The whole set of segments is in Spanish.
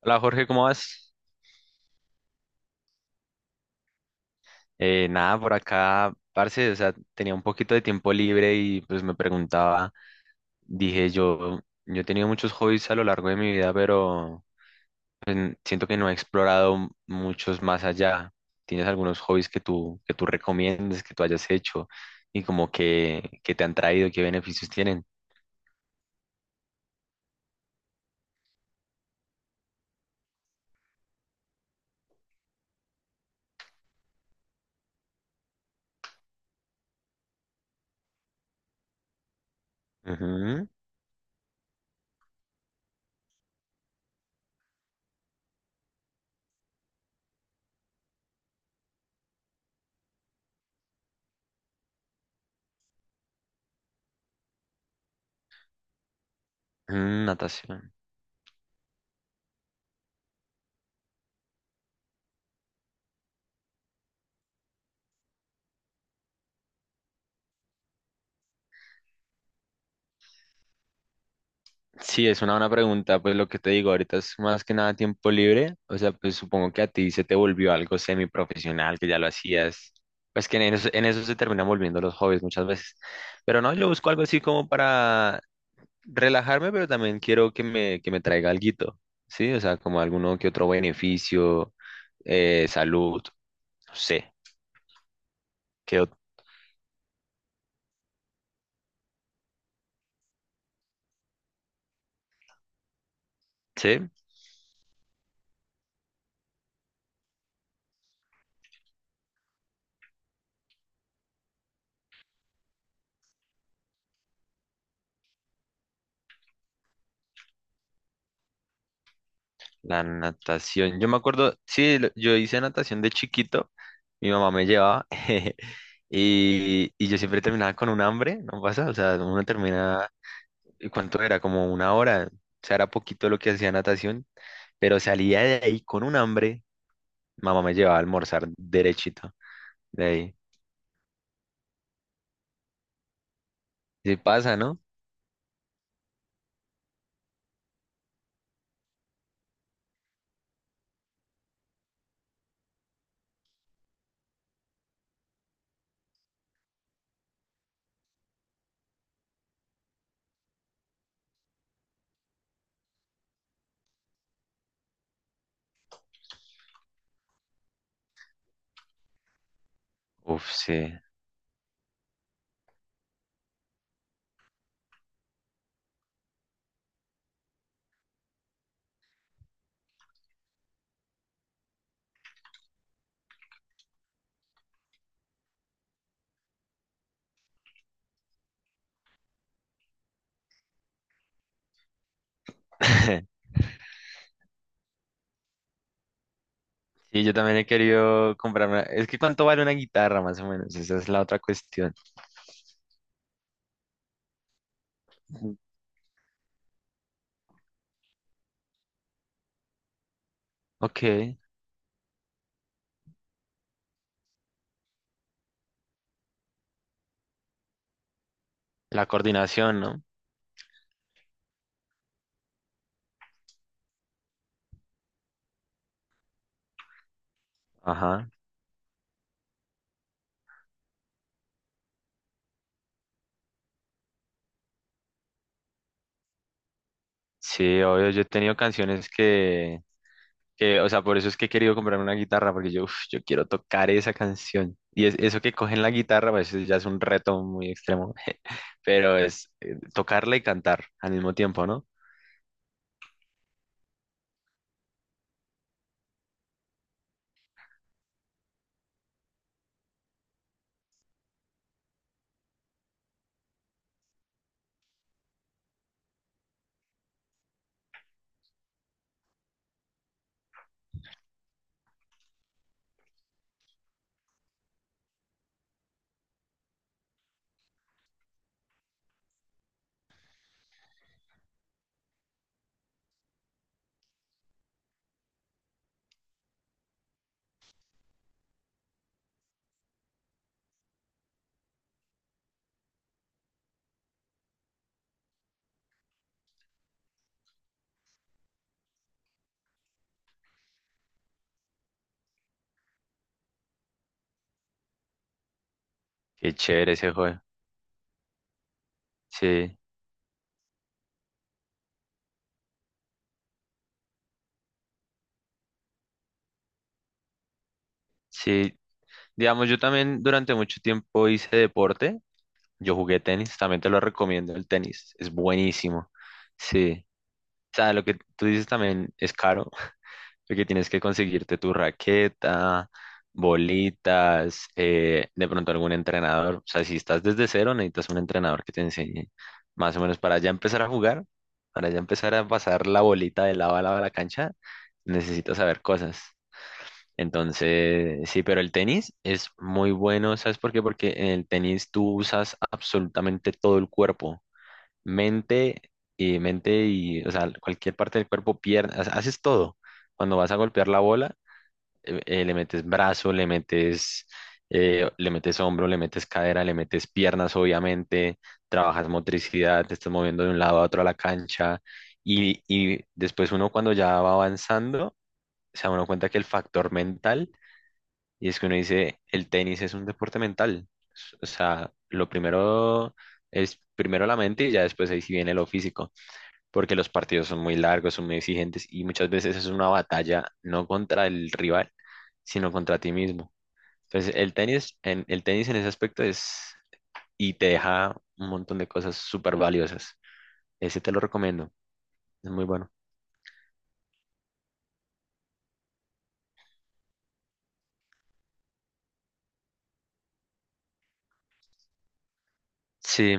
Hola Jorge, ¿cómo vas? Nada, por acá, parce, o sea, tenía un poquito de tiempo libre y pues me preguntaba, dije yo, yo he tenido muchos hobbies a lo largo de mi vida, pero pues, siento que no he explorado muchos más allá. ¿Tienes algunos hobbies que tú recomiendes, que tú hayas hecho y como que te han traído, qué beneficios tienen? Ujú. Natación. Sí, es una buena pregunta, pues lo que te digo, ahorita es más que nada tiempo libre, o sea, pues supongo que a ti se te volvió algo semiprofesional, que ya lo hacías, pues que en eso, se terminan volviendo los hobbies muchas veces, pero no, yo busco algo así como para relajarme, pero también quiero que me traiga alguito, ¿sí? O sea, como alguno que otro beneficio, salud, no sé, que, ¿sí? La natación. Yo me acuerdo, sí, yo hice natación de chiquito, mi mamá me llevaba y yo siempre terminaba con un hambre, ¿no pasa? O sea, uno termina, ¿y cuánto era? Como una hora, o sea, era poquito lo que hacía natación, pero salía de ahí con un hambre, mamá me llevaba a almorzar derechito de ahí. Sí pasa, ¿no? Uf, sí. Sí, yo también he querido comprarme, es que ¿cuánto vale una guitarra más o menos? Esa es la otra cuestión. Ok, la coordinación, ¿no? Ajá. Sí, obvio, yo he tenido canciones que, o sea, por eso es que he querido comprarme una guitarra, porque yo, uf, yo quiero tocar esa canción. Y es, eso que cogen la guitarra, pues eso ya es un reto muy extremo, pero es tocarla y cantar al mismo tiempo, ¿no? Qué chévere ese juego. Sí, sí. Digamos, yo también durante mucho tiempo hice deporte, yo jugué tenis, también te lo recomiendo el tenis, es buenísimo. Sí. O sea, lo que tú dices también es caro, porque tienes que conseguirte tu raqueta, bolitas, de pronto algún entrenador. O sea, si estás desde cero, necesitas un entrenador que te enseñe más o menos para ya empezar a jugar, para ya empezar a pasar la bolita de lado a lado de la cancha, necesitas saber cosas. Entonces, sí, pero el tenis es muy bueno, ¿sabes por qué? Porque en el tenis tú usas absolutamente todo el cuerpo, mente y mente y, o sea, cualquier parte del cuerpo, pierna, haces todo. Cuando vas a golpear la bola, le metes brazo, le metes hombro, le metes cadera, le metes piernas, obviamente, trabajas motricidad, te estás moviendo de un lado a otro a la cancha y después uno cuando ya va avanzando, se da uno cuenta que el factor mental, y es que uno dice, el tenis es un deporte mental. O sea, lo primero es primero la mente y ya después ahí sí viene lo físico porque los partidos son muy largos, son muy exigentes y muchas veces es una batalla no contra el rival, sino contra ti mismo. Entonces, el tenis en ese aspecto es y te deja un montón de cosas súper valiosas. Ese te lo recomiendo, es muy bueno. Sí,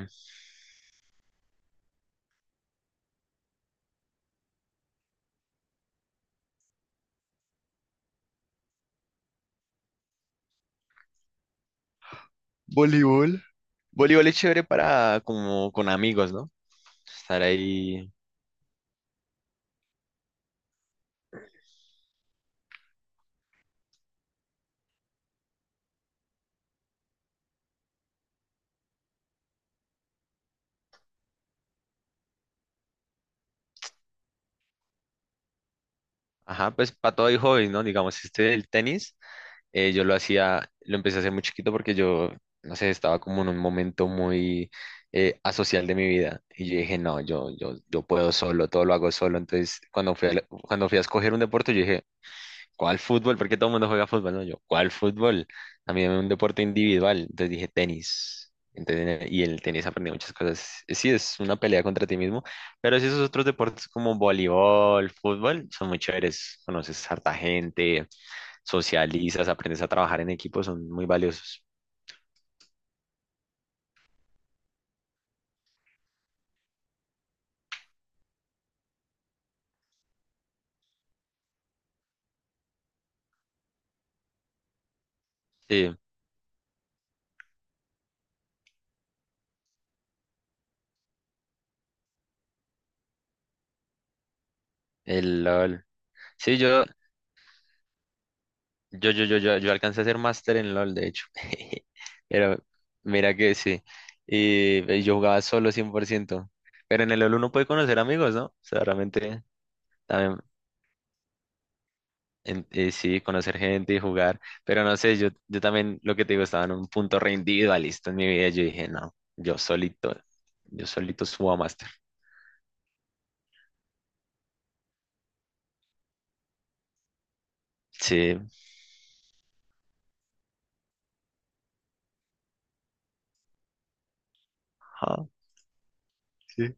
voleibol. Voleibol es chévere para como con amigos, ¿no? Estar ahí, ajá, pues para todo hay hobbies, ¿no? Digamos, este el tenis. Yo lo hacía, lo empecé a hacer muy chiquito porque yo, no sé, estaba como en un momento muy asocial de mi vida. Y yo dije, no, yo puedo solo, todo lo hago solo. Entonces, cuando fui cuando fui a escoger un deporte, yo dije, ¿cuál fútbol? Porque todo el mundo juega fútbol, ¿no? Yo, ¿cuál fútbol? A mí dame un deporte individual. Entonces dije, tenis. Entonces, y el tenis aprendí muchas cosas. Sí, es una pelea contra ti mismo, pero sí esos otros deportes como voleibol, fútbol, son muy chéveres. Conoces harta gente, socializas, aprendes a trabajar en equipo, son muy valiosos. Sí, el LOL. Sí, yo alcancé a ser máster en LOL, de hecho. Pero mira que sí. Y yo jugaba solo 100%. Pero en el LOL uno puede conocer amigos, ¿no? O sea, realmente también, sí, conocer gente y jugar. Pero no sé, yo también, lo que te digo, estaba en un punto re individualista en mi vida. Yo dije, no, yo solito subo a máster. Sí. Ajá. Sí.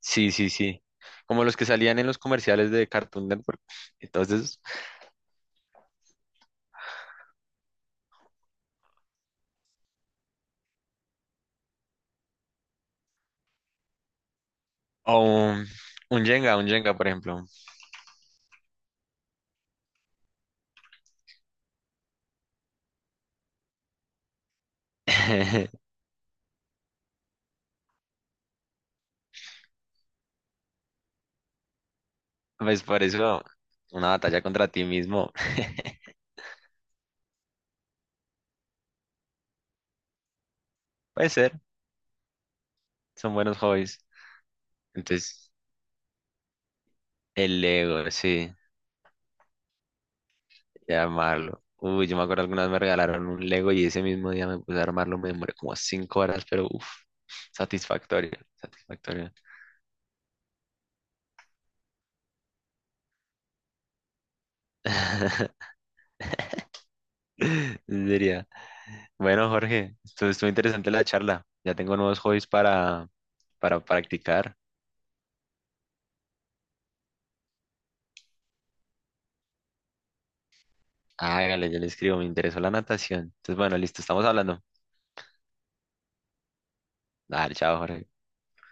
Sí, sí, sí. Como los que salían en los comerciales de Cartoon Network. Entonces, o un, un Jenga, por ejemplo. Pues por eso, una batalla contra ti mismo. Puede ser, son buenos hobbies. Entonces, el Lego, sí, llamarlo. Uy, yo me acuerdo alguna vez me regalaron un Lego y ese mismo día me puse a armarlo, me demoré como 5 horas, pero uff, satisfactorio, satisfactorio. Diría. Bueno, Jorge, estuvo, estuvo interesante la charla. Ya tengo nuevos hobbies para practicar. Hágale, yo le escribo, me interesó la natación. Entonces, bueno, listo, estamos hablando. Dale, chao, Jorge.